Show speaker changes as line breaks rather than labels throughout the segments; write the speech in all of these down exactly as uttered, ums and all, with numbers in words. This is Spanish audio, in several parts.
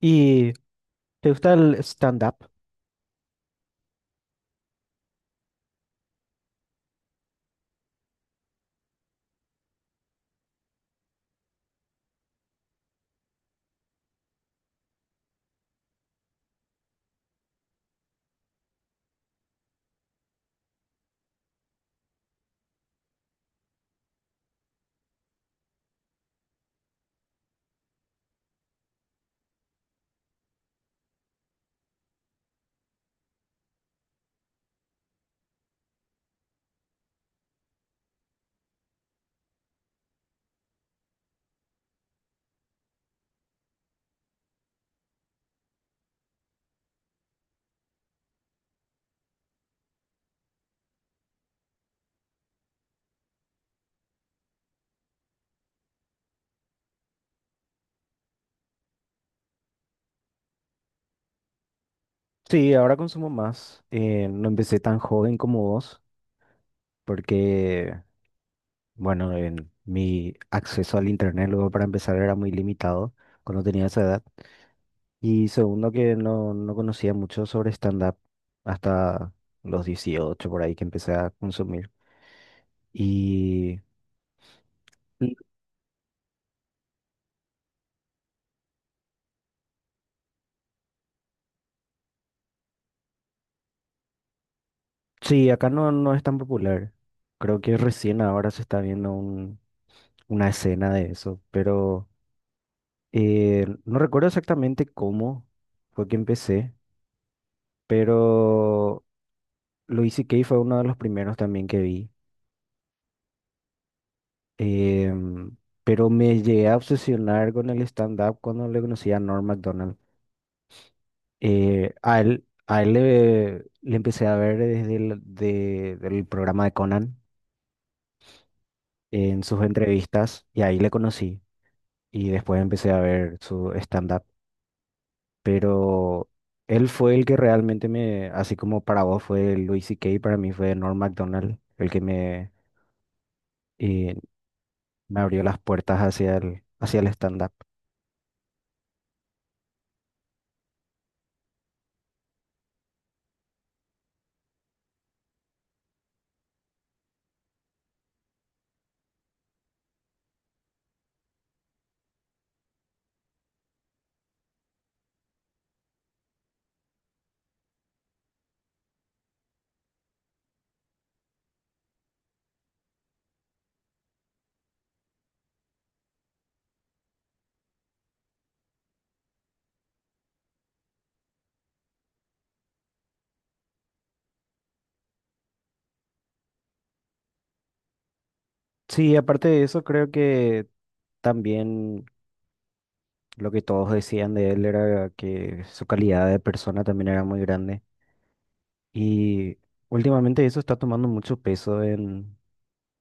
¿Y te gusta el stand-up? Sí, ahora consumo más. Eh, no empecé tan joven como vos, porque, bueno, en mi acceso al internet luego para empezar era muy limitado cuando tenía esa edad. Y segundo, que no, no conocía mucho sobre stand-up hasta los dieciocho por ahí que empecé a consumir. Y y sí, acá no, no es tan popular. Creo que recién ahora se está viendo un- una escena de eso, pero... Eh, no recuerdo exactamente cómo fue que empecé, pero Louis C K fue uno de los primeros también que vi. Em, pero me llegué a obsesionar con el stand-up cuando le conocí a Norm Macdonald. Eh, a él, a él le, le empecé a ver desde el de- del programa de Conan en sus entrevistas y ahí le conocí. Y después empecé a ver su stand-up. Pero él fue el que realmente me, así como para vos fue Louis C K, para mí fue Norm Macdonald, el que me, eh, me abrió las puertas hacia el, hacia el stand-up. Sí, aparte de eso, creo que también lo que todos decían de él era que su calidad de persona también era muy grande. Y últimamente eso está tomando mucho peso en,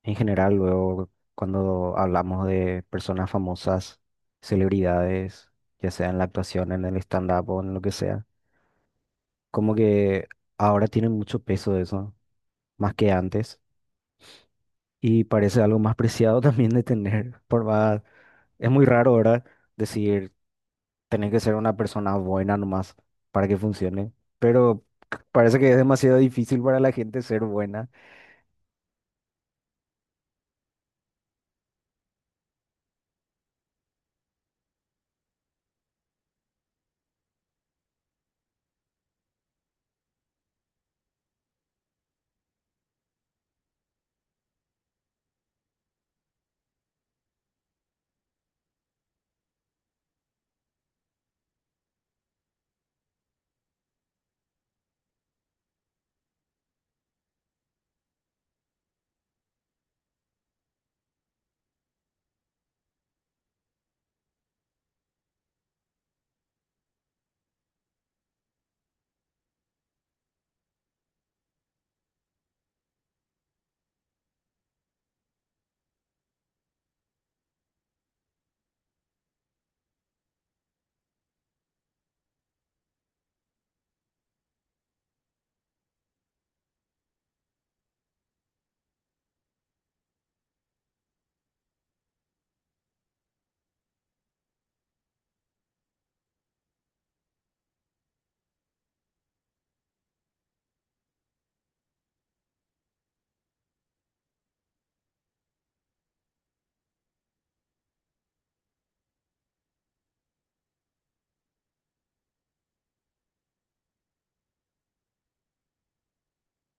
En general, luego cuando hablamos de personas famosas, celebridades, ya sea en la actuación, en el stand-up o en lo que sea, como que ahora tienen mucho peso eso, más que antes, y parece algo más preciado también de tener, por más, es muy raro ahora decir, tenés que ser una persona buena nomás para que funcione, pero c- parece que es demasiado difícil para la gente ser buena.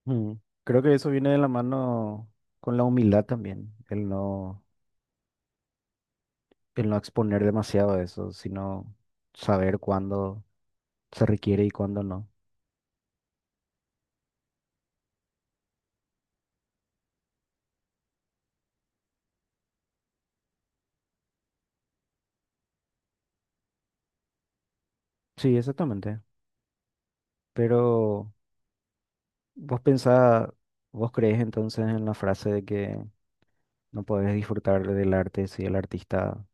Mm. Creo que eso viene de la mano con la humildad también, el no el no exponer demasiado eso, sino saber cuándo se requiere y cuándo no. Sí, exactamente. Pero vos pensás, vos crees entonces en la frase de que no podés disfrutar del arte si el artista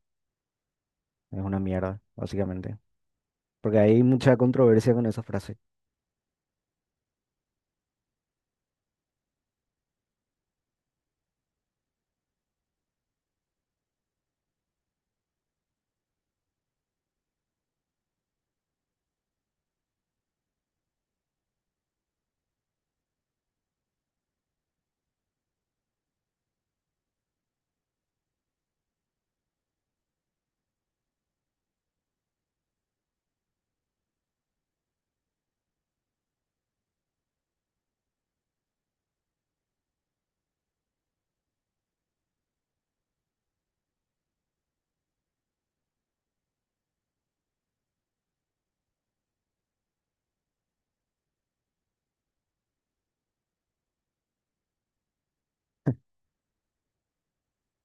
es una mierda, básicamente. Porque hay mucha controversia con esa frase.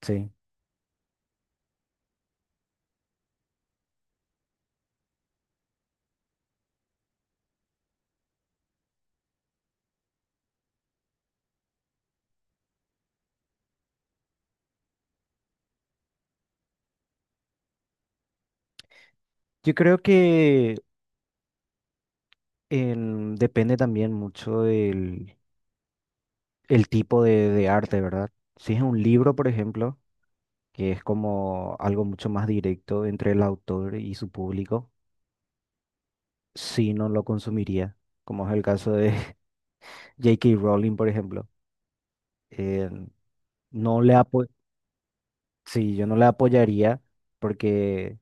Sí. Yo creo que en- depende también mucho del el tipo de, de arte, ¿verdad? Si es un libro, por ejemplo, que es como algo mucho más directo entre el autor y su público, si no lo consumiría, como es el caso de J K. Rowling, por ejemplo. Eh, no le apo- sí, yo no le apoyaría porque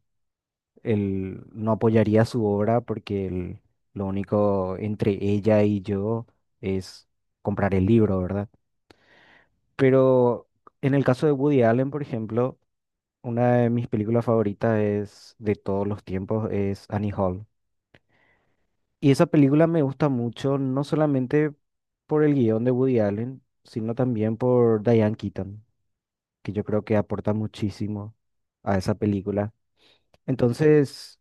él no apoyaría su obra porque el- lo único entre ella y yo es comprar el libro, ¿verdad? Pero en el caso de Woody Allen, por ejemplo, una de mis películas favoritas es de todos los tiempos es Annie Hall. Y esa película me gusta mucho, no solamente por el guión de Woody Allen, sino también por Diane Keaton, que yo creo que aporta muchísimo a esa película. Entonces,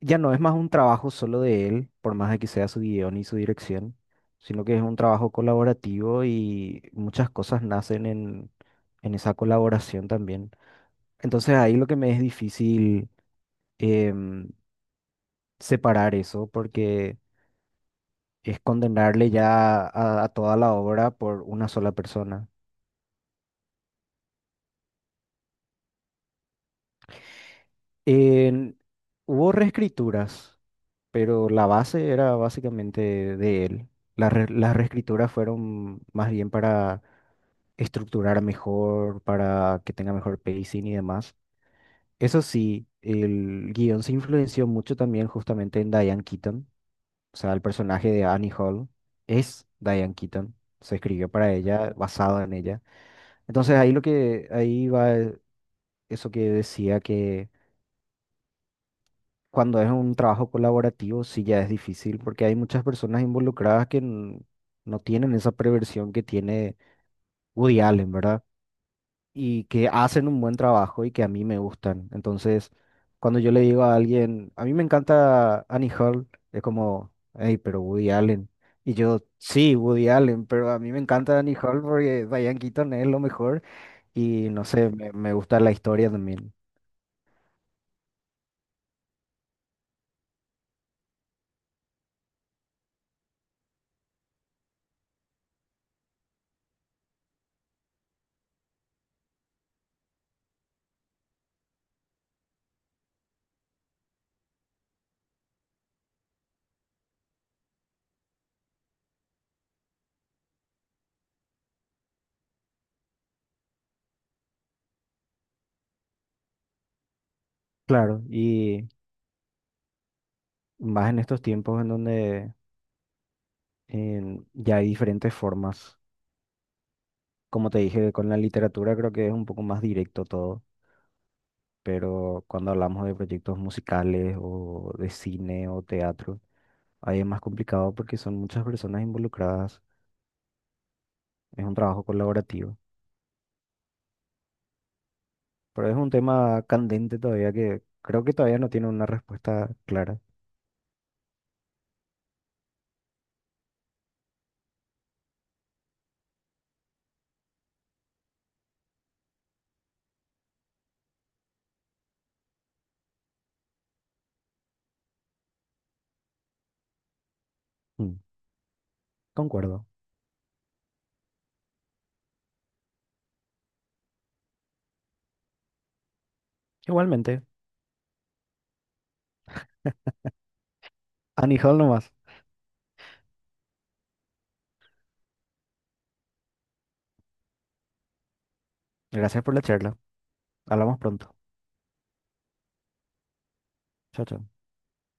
ya no es más un trabajo solo de él, por más de que sea su guión y su dirección, sino que es un trabajo colaborativo y muchas cosas nacen en, en esa colaboración también. Entonces, ahí lo que me es difícil em, separar eso, porque... es condenarle ya a, a toda la obra por una sola persona. En- Hubo reescrituras, pero la base era básicamente de él. Las re- las reescrituras fueron más bien para estructurar mejor, para que tenga mejor pacing y demás. Eso sí, el guión se influenció mucho también justamente en Diane Keaton, o sea, el personaje de Annie Hall es Diane Keaton, se escribió para ella, basado en ella. Entonces ahí lo que ahí va eso que decía que cuando es un trabajo colaborativo sí ya es difícil porque hay muchas personas involucradas que n- no tienen esa preversión que tiene Woody Allen, ¿verdad? Y que hacen un buen trabajo y que a mí me gustan. Entonces, cuando yo le digo a alguien, a mí me encanta Annie Hall, es como, hey, pero Woody Allen. Y yo, sí, Woody Allen, pero a mí me encanta Annie Hall porque Diane Keaton es lo mejor y no sé, me, me gusta la historia también. Claro, y más en estos tiempos en donde em, ya hay diferentes formas. Como te dije, con la literatura creo que es un poco más directo todo, pero cuando hablamos de proyectos musicales o de cine o teatro, ahí es más complicado porque son muchas personas involucradas, es un trabajo colaborativo, pero es un tema candente todavía que creo que todavía no tiene una respuesta clara. Mm, concuerdo. Igualmente, anijal nomás. Gracias por la charla. Hablamos pronto. Chao, chao.